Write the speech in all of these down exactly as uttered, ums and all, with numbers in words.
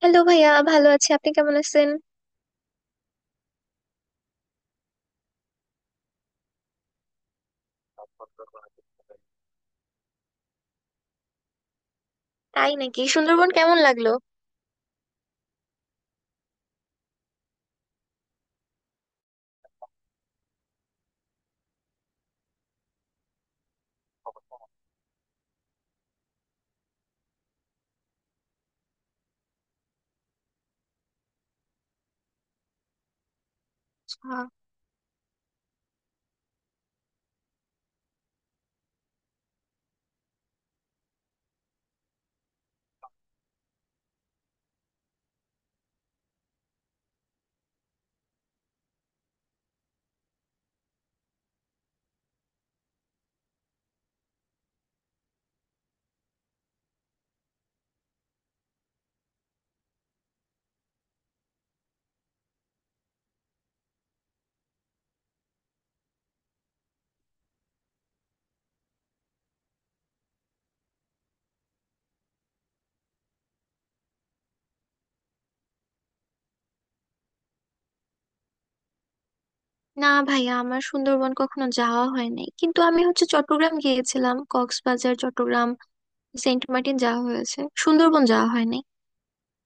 Hello ভাইয়া, ভালো আছি। আপনি কেমন আছেন? তাই নাকি? সুন্দরবন কেমন লাগলো? আহ, না ভাইয়া, আমার সুন্দরবন কখনো যাওয়া হয় নাই, কিন্তু আমি হচ্ছে চট্টগ্রাম গিয়েছিলাম। কক্সবাজার, চট্টগ্রাম, সেন্ট মার্টিন যাওয়া হয়েছে, সুন্দরবন যাওয়া হয় নাই।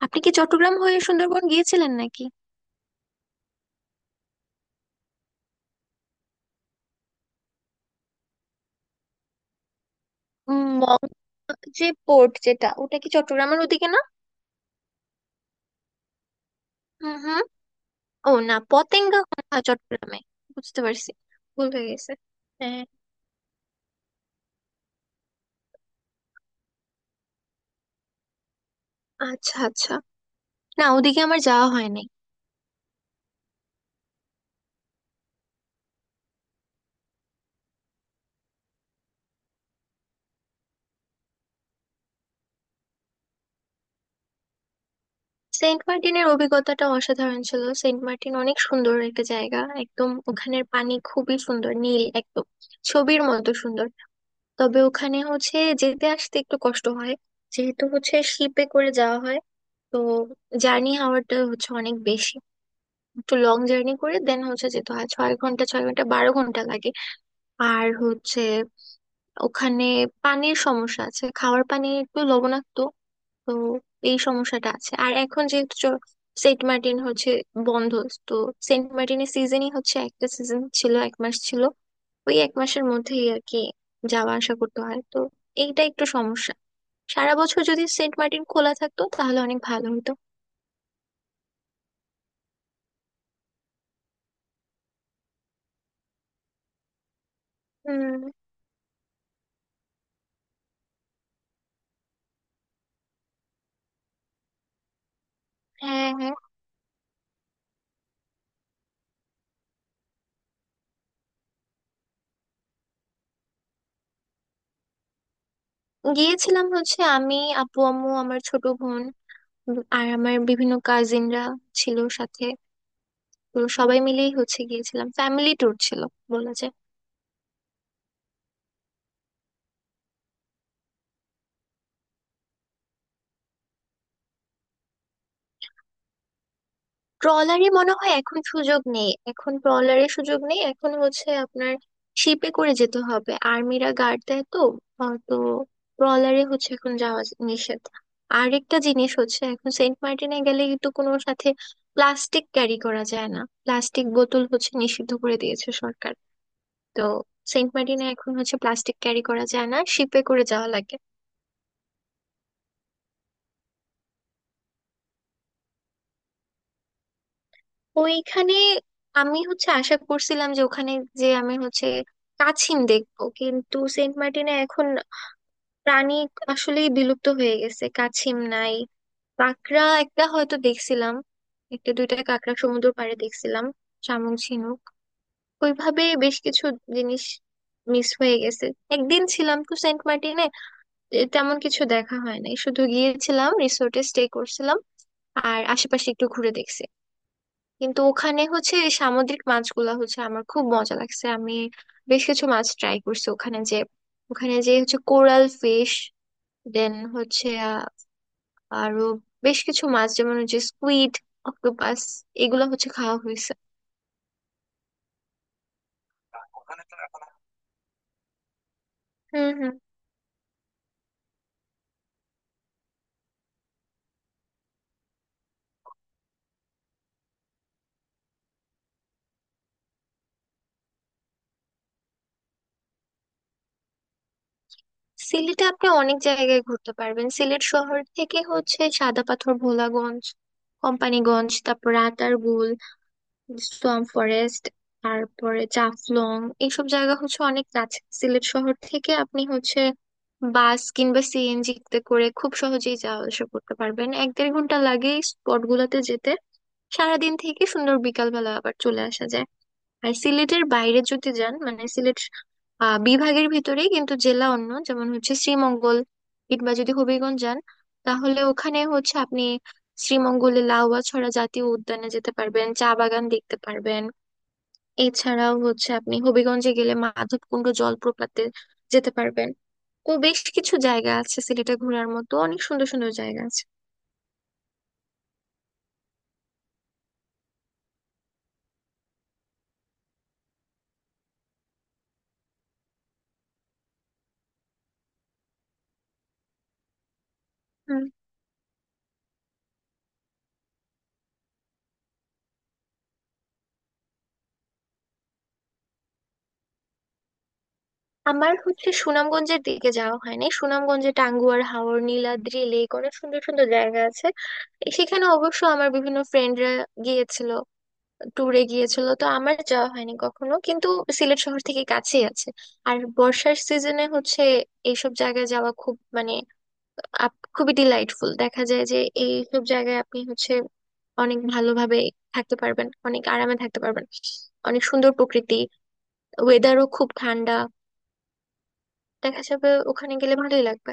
আপনি কি চট্টগ্রাম হয়ে সুন্দরবন গিয়েছিলেন নাকি? উম, মগ যে পোর্ট, যেটা ওটা কি চট্টগ্রামের ওদিকে না? হুম হুম। ও না, পতেঙ্গা মনে হয় চট্টগ্রামে। বুঝতে পারছি, ভুল হয়ে গেছে। হ্যাঁ, আচ্ছা আচ্ছা। না, ওদিকে আমার যাওয়া হয়নি। সেন্ট মার্টিনের অভিজ্ঞতাটা অসাধারণ ছিল। সেন্ট মার্টিন অনেক সুন্দর একটা জায়গা, একদম ওখানের পানি খুবই সুন্দর নীল, একদম ছবির মতো সুন্দর। তবে ওখানে হচ্ছে যেতে আসতে একটু কষ্ট হয়, যেহেতু হচ্ছে শিপে করে যাওয়া হয়। তো জার্নি আওয়ারটা হচ্ছে অনেক বেশি, একটু লং জার্নি করে দেন হচ্ছে যেতে হয়, ছয় ঘন্টা, ছয় ঘন্টা, বারো ঘন্টা লাগে। আর হচ্ছে ওখানে পানির সমস্যা আছে, খাওয়ার পানি একটু লবণাক্ত। তো এই সমস্যাটা আছে। আর এখন যেহেতু চ- সেন্ট মার্টিন হচ্ছে বন্ধ। তো সেন্ট মার্টিনের সিজনই হচ্ছে, একটা সিজন ছিল, এক মাস ছিল। ওই এক মাসের মধ্যেই আর কি যাওয়া আসা করতে হয়, তো এইটা একটু সমস্যা। সারা বছর যদি সেন্ট মার্টিন খোলা থাকতো, তাহলে অনেক ভালো হতো। হুম। হ্যাঁ হ্যাঁ। গিয়েছিলাম হচ্ছে আমি, আপু, আম্মু, আমার ছোট বোন, উম, আর আমার বিভিন্ন কাজিনরা ছিল সাথে। তো সবাই মিলেই হচ্ছে গিয়েছিলাম, ফ্যামিলি ট্যুর ছিল বলা যায়। ট্রলারে মনে হয় এখন সুযোগ নেই, এখন ট্রলারে সুযোগ নেই। এখন হচ্ছে আপনার শিপে করে যেতে হবে, আর্মিরা গার্ড দেয় তো। আহ, তো ট্রলারে হচ্ছে এখন যাওয়া যে- নিষেধ। আরেকটা জিনিস হচ্ছে এখন সেন্ট মার্টিনে গেলে কিন্তু কোনো সাথে প্লাস্টিক ক্যারি করা যায় না, প্লাস্টিক বোতল হচ্ছে নিষিদ্ধ করে দিয়েছে সরকার। তো সেন্ট মার্টিনে এখন হচ্ছে প্লাস্টিক ক্যারি করা যায় না, শিপে করে যাওয়া লাগে। ওইখানে আমি হচ্ছে আশা করছিলাম যে ওখানে, যে আমি হচ্ছে কাছিম দেখবো, কিন্তু সেন্ট মার্টিনে এখন প্রাণী আসলেই বিলুপ্ত হয়ে গেছে, কাছিম নাই। কাঁকড়া একটা হয়তো দেখছিলাম, একটা দুইটা কাঁকড়া সমুদ্র পাড়ে দেখছিলাম। শামুক ঝিনুক ওইভাবে বেশ কিছু জিনিস মিস হয়ে গেছে। একদিন ছিলাম তো সেন্ট মার্টিনে, এ, তেমন কিছু দেখা হয় নাই, শুধু গিয়েছিলাম রিসোর্টে স্টে করছিলাম আর আশেপাশে একটু ঘুরে দেখছি। কিন্তু ওখানে হচ্ছে এই সামুদ্রিক মাছগুলা হচ্ছে আমার খুব মজা লাগছে, আমি বেশ কিছু মাছ ট্রাই করছি ওখানে। যে ওখানে যে হচ্ছে কোরাল ফিশ, দেন হচ্ছে আহ, আরো বেশ কিছু মাছ, যেমন হচ্ছে স্কুইড, অক্টোপাস, এগুলো হচ্ছে খাওয়া হয়েছে। হুম হুম। সিলেটে আপনি অনেক জায়গায় ঘুরতে পারবেন। সিলেট শহর থেকে হচ্ছে সাদা পাথর, ভোলাগঞ্জ, কোম্পানিগঞ্জ, তারপর রাতারগুল সোয়াম ফরেস্ট, তারপরে জাফলং। এইসব জায়গা হচ্ছে অনেক কাছে সিলেট শহর থেকে। আপনি হচ্ছে বাস কিংবা সিএনজি তে করে খুব সহজেই যাওয়া আসা করতে পারবেন, এক দেড় ঘন্টা লাগে স্পট গুলাতে যেতে। সারাদিন থেকে সুন্দর বিকাল বেলা আবার চলে আসা যায়। আর সিলেটের বাইরে যদি যান, মানে সিলেট আহ, বিভাগের ভিতরেই কিন্তু জেলা অন্য, যেমন হচ্ছে শ্রীমঙ্গল কিংবা যদি হবিগঞ্জ যান, তাহলে ওখানে হচ্ছে আপনি শ্রীমঙ্গলে লাউয়াছড়া জাতীয় উদ্যানে যেতে পারবেন, চা বাগান দেখতে পারবেন। এছাড়াও হচ্ছে আপনি হবিগঞ্জে গেলে মাধবকুণ্ড জলপ্রপাতে যেতে পারবেন। ও বেশ কিছু জায়গা আছে সিলেটে ঘোরার মতো, অনেক সুন্দর সুন্দর জায়গা আছে। হুম। আমার হচ্ছে সুনামগঞ্জের দিকে যাওয়া হয়নি। সুনামগঞ্জে টাঙ্গুয়ার হাওর, নীলাদ্রি লেক, অনেক সুন্দর সুন্দর জায়গা আছে। এ সেখানে অবশ্য আমার বিভিন্ন ফ্রেন্ডরা গিয়েছিল, ট্যুরে গিয়েছিল, তো আমার যাওয়া হয়নি কখনো, কিন্তু সিলেট শহর থেকে কাছেই আছে। আর বর্ষার সিজনে হচ্ছে এইসব জায়গায় যাওয়া খুব মানে আপ- খুবই ডিলাইটফুল দেখা যায়, যে এইসব জায়গায় আপনি হচ্ছে অনেক ভালোভাবে থাকতে পারবেন, অনেক আরামে থাকতে পারবেন। অনেক সুন্দর প্রকৃতি, ওয়েদারও খুব ঠান্ডা দেখা যাবে ওখানে গেলে, ভালোই লাগবে।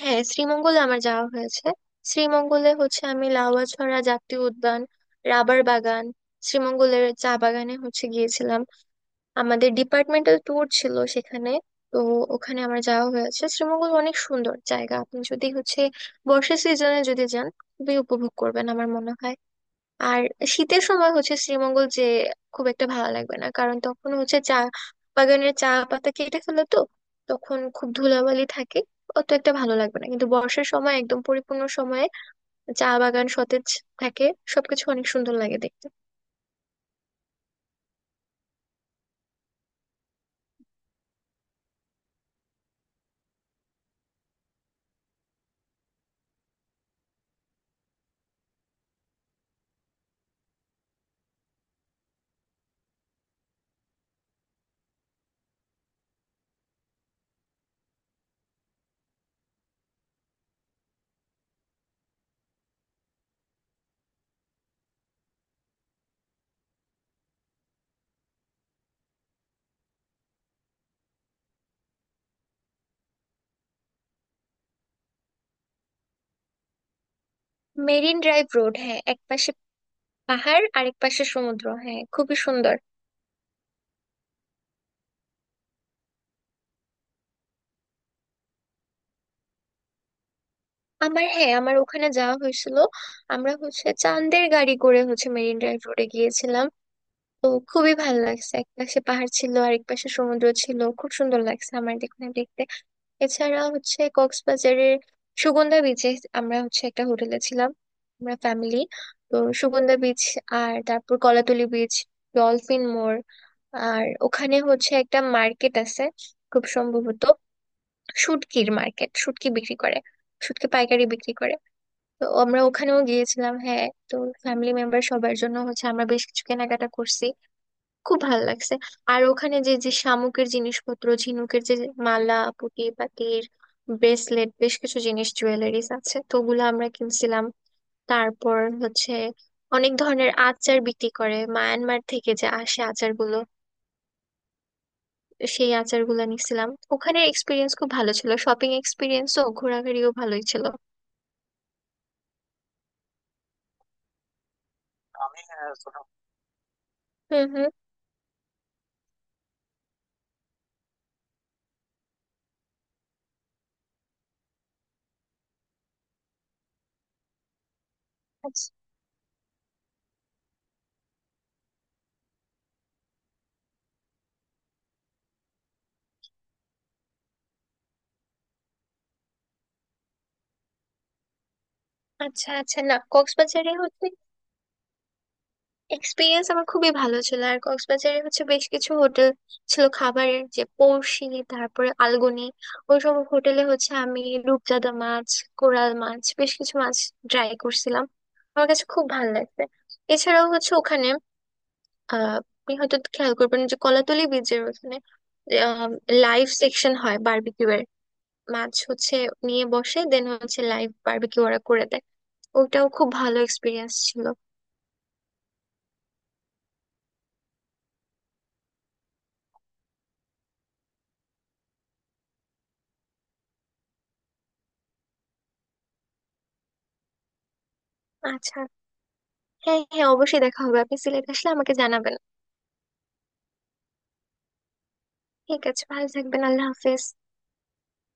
হ্যাঁ, শ্রীমঙ্গলে আমার যাওয়া হয়েছে। শ্রীমঙ্গলে হচ্ছে আমি লাউয়াছড়া জাতীয় উদ্যান, রাবার বাগান, শ্রীমঙ্গলের চা বাগানে হচ্ছে গিয়েছিলাম, আমাদের ডিপার্টমেন্টাল ট্যুর ছিল সেখানে। তো ওখানে আমার যাওয়া হয়েছে। শ্রীমঙ্গল অনেক সুন্দর জায়গা। আপনি যদি হচ্ছে বর্ষা সিজনে যদি যান, খুবই উপভোগ করবেন আমার মনে হয়। আর শীতের সময় হচ্ছে শ্রীমঙ্গল যে খুব একটা ভালো লাগবে না, কারণ তখন হচ্ছে চা বাগানের চা পাতা কেটে ফেলে তো, তখন খুব ধুলাবালি থাকে, অত একটা ভালো লাগবে না। কিন্তু বর্ষার সময় একদম পরিপূর্ণ সময়ে চা বাগান সতেজ থাকে, সবকিছু অনেক সুন্দর লাগে দেখতে। মেরিন ড্রাইভ রোড, হ্যাঁ, একপাশে পাহাড় আর এক পাশে সমুদ্র, হ্যাঁ খুবই সুন্দর। আমার, হ্যাঁ আমার ওখানে যাওয়া হয়েছিল। আমরা হচ্ছে চাঁদের গাড়ি করে হচ্ছে মেরিন ড্রাইভ রোডে গিয়েছিলাম। তো খুবই ভালো লাগছে, এক পাশে পাহাড় ছিল আর এক পাশে সমুদ্র ছিল, খুব সুন্দর লাগছে আমার দেখুন দেখতে। এছাড়া হচ্ছে কক্সবাজারের সুগন্ধা বিচে আমরা হচ্ছে একটা হোটেলে ছিলাম, আমরা ফ্যামিলি। তো সুগন্ধা বিচ, আর তারপর কলাতলি বিচ, ডলফিন মোড়, আর ওখানে হচ্ছে একটা মার্কেট আছে খুব সম্ভবত শুটকির মার্কেট, শুটকি বিক্রি করে, শুটকি পাইকারি বিক্রি করে। তো আমরা ওখানেও গিয়েছিলাম, হ্যাঁ। তো ফ্যামিলি মেম্বার সবার জন্য হচ্ছে আমরা বেশ কিছু কেনাকাটা করছি, খুব ভালো লাগছে। আর ওখানে যে যে শামুকের জিনিসপত্র, ঝিনুকের যে মালা, পুঁতি পাতির ব্রেসলেট, বেশ কিছু জিনিস জুয়েলারিস আছে, তো ওগুলো আমরা কিনছিলাম। তারপর হচ্ছে অনেক ধরনের আচার বিক্রি করে, মায়ানমার থেকে যে আসে আচারগুলো, সেই আচারগুলো নিছিলাম। ওখানের এক্সপিরিয়েন্স খুব ভালো ছিল, শপিং এক্সপিরিয়েন্সও, ঘোরাঘুরিও ভালোই ছিল। হুম হুম। আচ্ছা আচ্ছা আচ্ছা, না কক্সবাজারে হচ্ছে এক্সপিরিয়েন্স আমার খুবই ভালো ছিল। আর কক্সবাজারে হচ্ছে বেশ কিছু হোটেল ছিল খাবারের, যে পড়শি, তারপরে আলগনি, ওইসব হোটেলে হচ্ছে আমি রূপচাঁদা মাছ, কোরাল মাছ, বেশ কিছু মাছ ট্রাই করছিলাম, আমার কাছে খুব ভালো লাগছে। এছাড়াও হচ্ছে ওখানে আহ আপনি হয়তো খেয়াল করবেন যে কলাতলি বীচের ওখানে লাইভ সেকশন হয় বারবিকিউ এর, মাছ হচ্ছে নিয়ে বসে দেন হচ্ছে লাইভ বারবিকিউ ওরা করে দেয়। ওটাও খুব ভালো এক্সপিরিয়েন্স ছিল। আচ্ছা। হ্যাঁ হ্যাঁ, অবশ্যই দেখা হবে, আপনি সিলেট আসলে আমাকে জানাবেন। ঠিক আছে, ভালো থাকবেন, আল্লাহ হাফেজ।